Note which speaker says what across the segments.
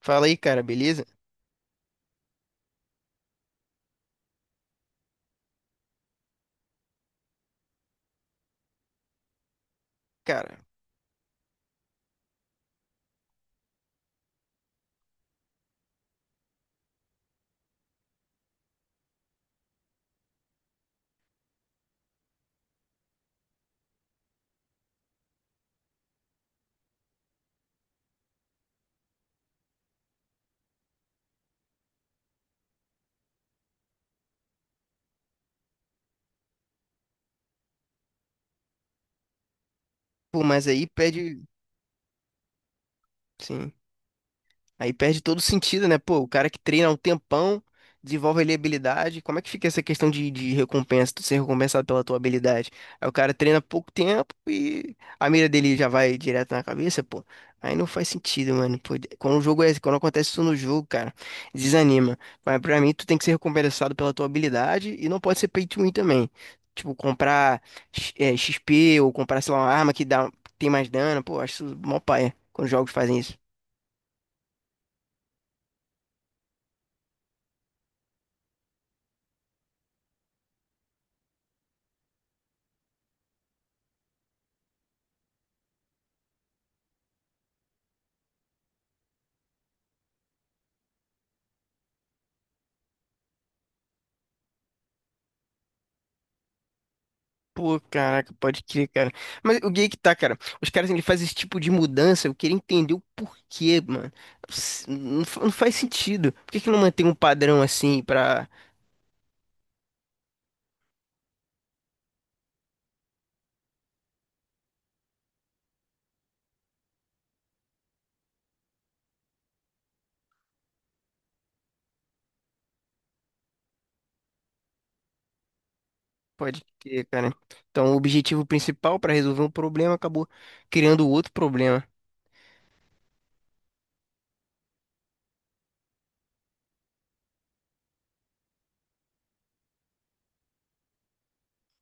Speaker 1: Fala aí, cara, beleza? Cara, pô, mas aí pede. Sim. Aí perde todo o sentido, né? Pô, o cara que treina um tempão, desenvolve ali habilidade. Como é que fica essa questão de recompensa, tu ser recompensado pela tua habilidade? Aí o cara treina pouco tempo e a mira dele já vai direto na cabeça, pô. Aí não faz sentido, mano. Pô, quando o jogo é, quando acontece isso no jogo, cara, desanima. Mas pra mim, tu tem que ser recompensado pela tua habilidade e não pode ser pay to win também. Tipo, comprar XP ou comprar, sei lá, uma arma que dá, tem mais dano. Pô, acho isso mó paia quando os jogos fazem isso. Pô, caraca, pode crer, cara. Mas o que é que tá, cara? Os caras, ele fazem esse tipo de mudança, eu queria entender o porquê, mano. Não, não faz sentido. Por que que não mantém um padrão assim pra. Pode crer, cara. Então, o objetivo principal pra resolver um problema acabou criando outro problema.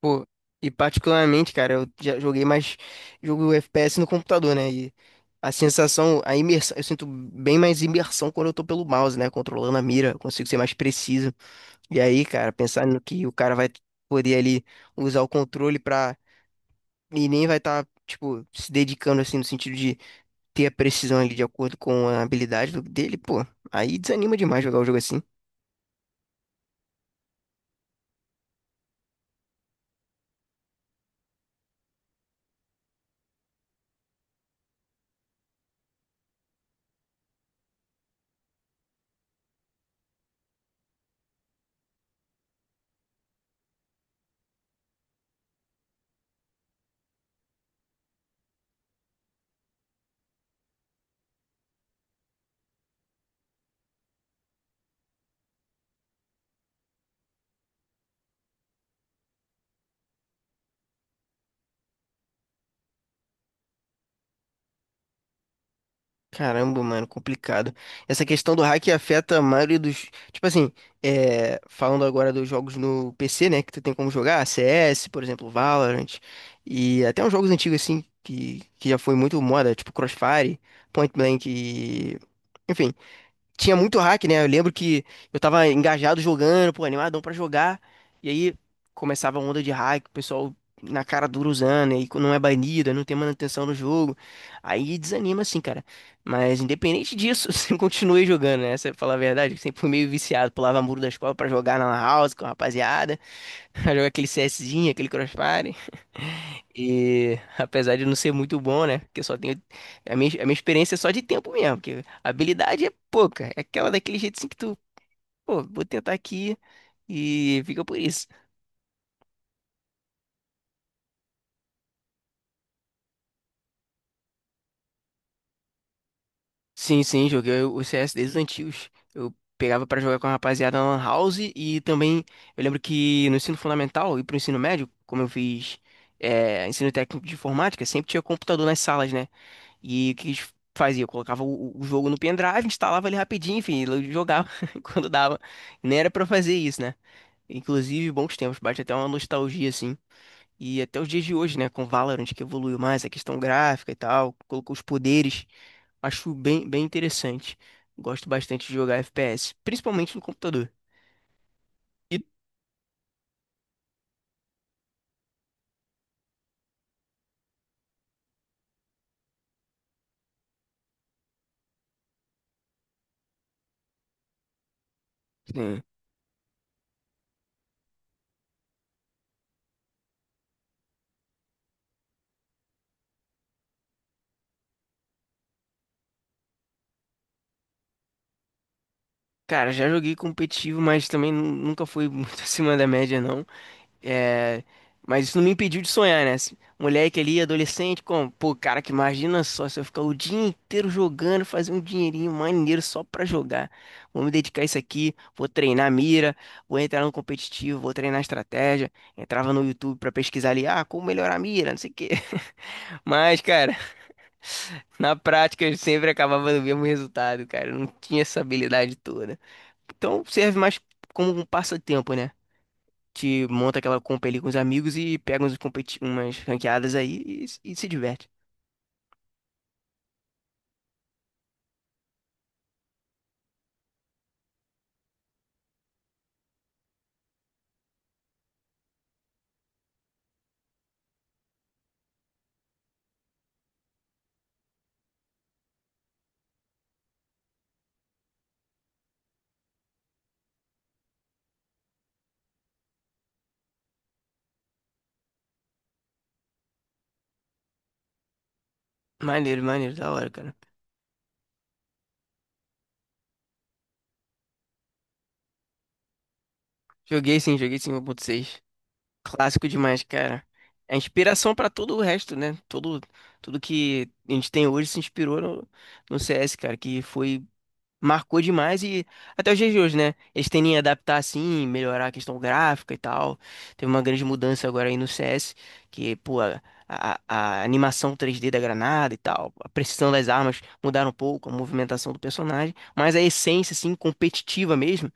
Speaker 1: Pô, e particularmente, cara, eu já joguei mais. Jogo FPS no computador, né? E a sensação, a imersão. Eu sinto bem mais imersão quando eu tô pelo mouse, né? Controlando a mira, eu consigo ser mais preciso. E aí, cara, pensando que o cara vai poder ali usar o controle pra. E nem vai estar, tipo, se dedicando assim, no sentido de ter a precisão ali de acordo com a habilidade dele, pô. Aí desanima demais jogar o jogo assim. Caramba, mano, complicado. Essa questão do hack afeta a maioria dos. Tipo assim, falando agora dos jogos no PC, né? Que tu tem como jogar, CS, por exemplo, Valorant. E até uns jogos antigos assim, que já foi muito moda, tipo Crossfire, Point Blank e. Enfim, tinha muito hack, né? Eu lembro que eu tava engajado jogando, pô, animadão pra jogar. E aí começava a onda de hack, o pessoal na cara dura usando, e aí não é banido, aí não tem manutenção no jogo. Aí desanima, assim, cara. Mas independente disso, você continua jogando, né? Você fala a verdade, eu sempre fui meio viciado, pulava muro da escola pra jogar na lan house com a rapaziada, pra jogar aquele CSzinho, aquele Crossfire. E apesar de não ser muito bom, né? Porque só tenho. A minha experiência é só de tempo mesmo, porque a habilidade é pouca. É aquela daquele jeito assim que tu, pô, vou tentar aqui e fica por isso. Sim, sim, joguei o CS desde os antigos. Eu pegava pra jogar com a rapaziada na Lan House e também eu lembro que no ensino fundamental e pro ensino médio, como eu fiz ensino técnico de informática, sempre tinha computador nas salas, né? E o que a gente fazia? Eu colocava o jogo no pendrive, instalava ele rapidinho, enfim, eu jogava quando dava. Nem era pra fazer isso, né? Inclusive, bons tempos, bate até uma nostalgia assim. E até os dias de hoje, né, com Valorant que evoluiu mais a questão gráfica e tal, colocou os poderes, acho bem, bem interessante. Gosto bastante de jogar FPS, principalmente no computador. E, sim, cara, já joguei competitivo, mas também nunca fui muito acima da média, não. É, mas isso não me impediu de sonhar, né? Esse moleque ali, adolescente, como, pô, cara, que imagina só se eu ficar o dia inteiro jogando, fazer um dinheirinho maneiro só pra jogar. Vou me dedicar a isso aqui, vou treinar a mira, vou entrar no competitivo, vou treinar a estratégia. Entrava no YouTube pra pesquisar ali, ah, como melhorar a mira, não sei o quê. Mas, cara, na prática eu sempre acabava no mesmo resultado, cara. Eu não tinha essa habilidade toda. Então serve mais como um passatempo, né? Que monta aquela compa ali com os amigos e pega uns competi umas ranqueadas aí e, se diverte. Maneiro, maneiro, da hora, cara. Joguei sim 1.6. Clássico demais, cara. É inspiração pra todo o resto, né? Tudo que a gente tem hoje se inspirou no CS, cara, que foi marcou demais e até os dias de hoje, né? Eles tendem a adaptar assim, melhorar a questão gráfica e tal. Teve uma grande mudança agora aí no CS, que, pô, a animação 3D da granada e tal, a precisão das armas mudaram um pouco, a movimentação do personagem, mas a essência, assim, competitiva mesmo,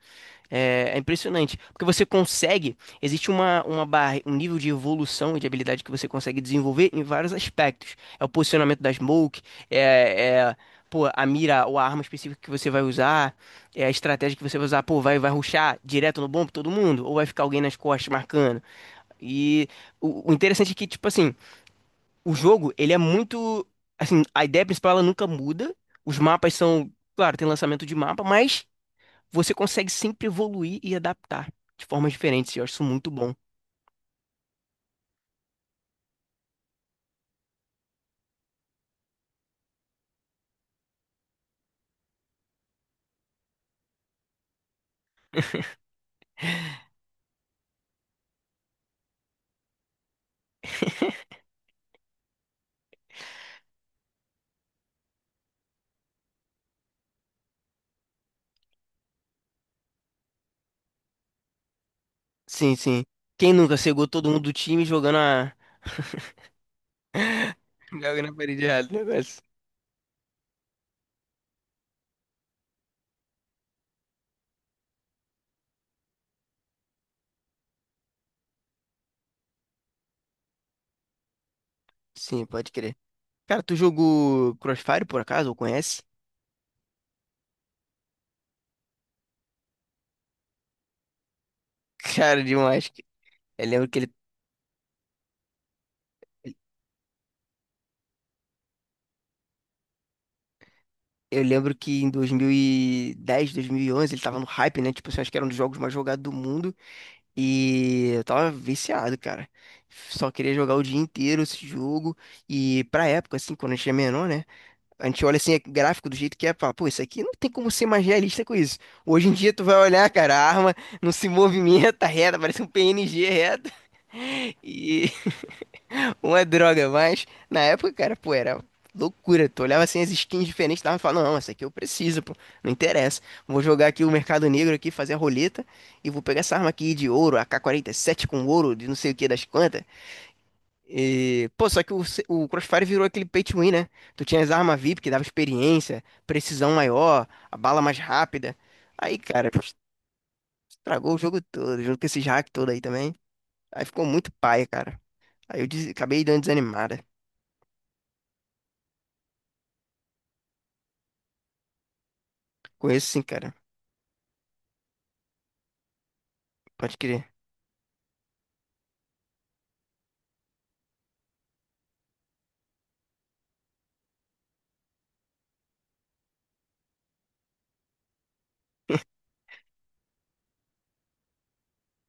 Speaker 1: é impressionante, porque você consegue, existe um nível de evolução e de habilidade que você consegue desenvolver em vários aspectos. É o posicionamento da smoke, é, é, pô, a mira ou a arma específica que você vai usar, é a estratégia que você vai usar, pô, vai rushar direto no bom pra todo mundo, ou vai ficar alguém nas costas marcando. E o interessante é que, tipo assim, o jogo, ele é muito, assim, a ideia principal ela nunca muda, os mapas são, claro, tem lançamento de mapa, mas você consegue sempre evoluir e adaptar de formas diferentes, e eu acho isso muito bom. Sim, sim. Quem nunca cegou todo mundo do time jogando a. Jogando a parede errada o negócio. Sim, pode crer. Cara, tu jogou Crossfire por acaso, ou conhece? Cara, demais. Eu lembro que ele. Eu lembro que em 2010, 2011, ele tava no hype, né? Tipo assim, acho que era um dos jogos mais jogados do mundo. E eu tava viciado, cara. Só queria jogar o dia inteiro esse jogo. E pra época, assim, quando a gente é menor, né? A gente olha assim, é gráfico do jeito que é, fala, pô, isso aqui não tem como ser mais realista com isso. Hoje em dia tu vai olhar, cara, a arma não se movimenta reta, parece um PNG reto. E uma droga, mas na época, cara, pô, era loucura. Tu olhava assim as skins diferentes, tava falando, não, essa aqui eu preciso, pô, não interessa. Vou jogar aqui o Mercado Negro aqui, fazer a roleta e vou pegar essa arma aqui de ouro, AK sete com ouro, de não sei o que das quantas. E, pô, só que o Crossfire virou aquele pay to win, né? Tu tinha as armas VIP que dava experiência, precisão maior, a bala mais rápida. Aí, cara, estragou o jogo todo, junto com esses hack todo aí também. Aí ficou muito paia, cara. Aí eu acabei dando desanimada. Conheço sim, cara. Pode crer.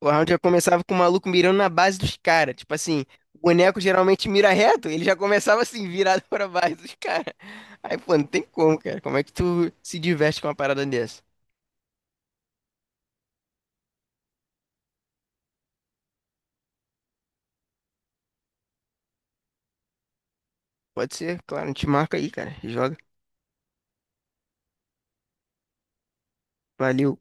Speaker 1: O round já começava com o maluco mirando na base dos caras. Tipo assim, o boneco geralmente mira reto, ele já começava assim, virado pra base dos caras. Aí, pô, não tem como, cara. Como é que tu se diverte com uma parada dessa? Pode ser, claro, a gente marca aí, cara. Joga. Valeu.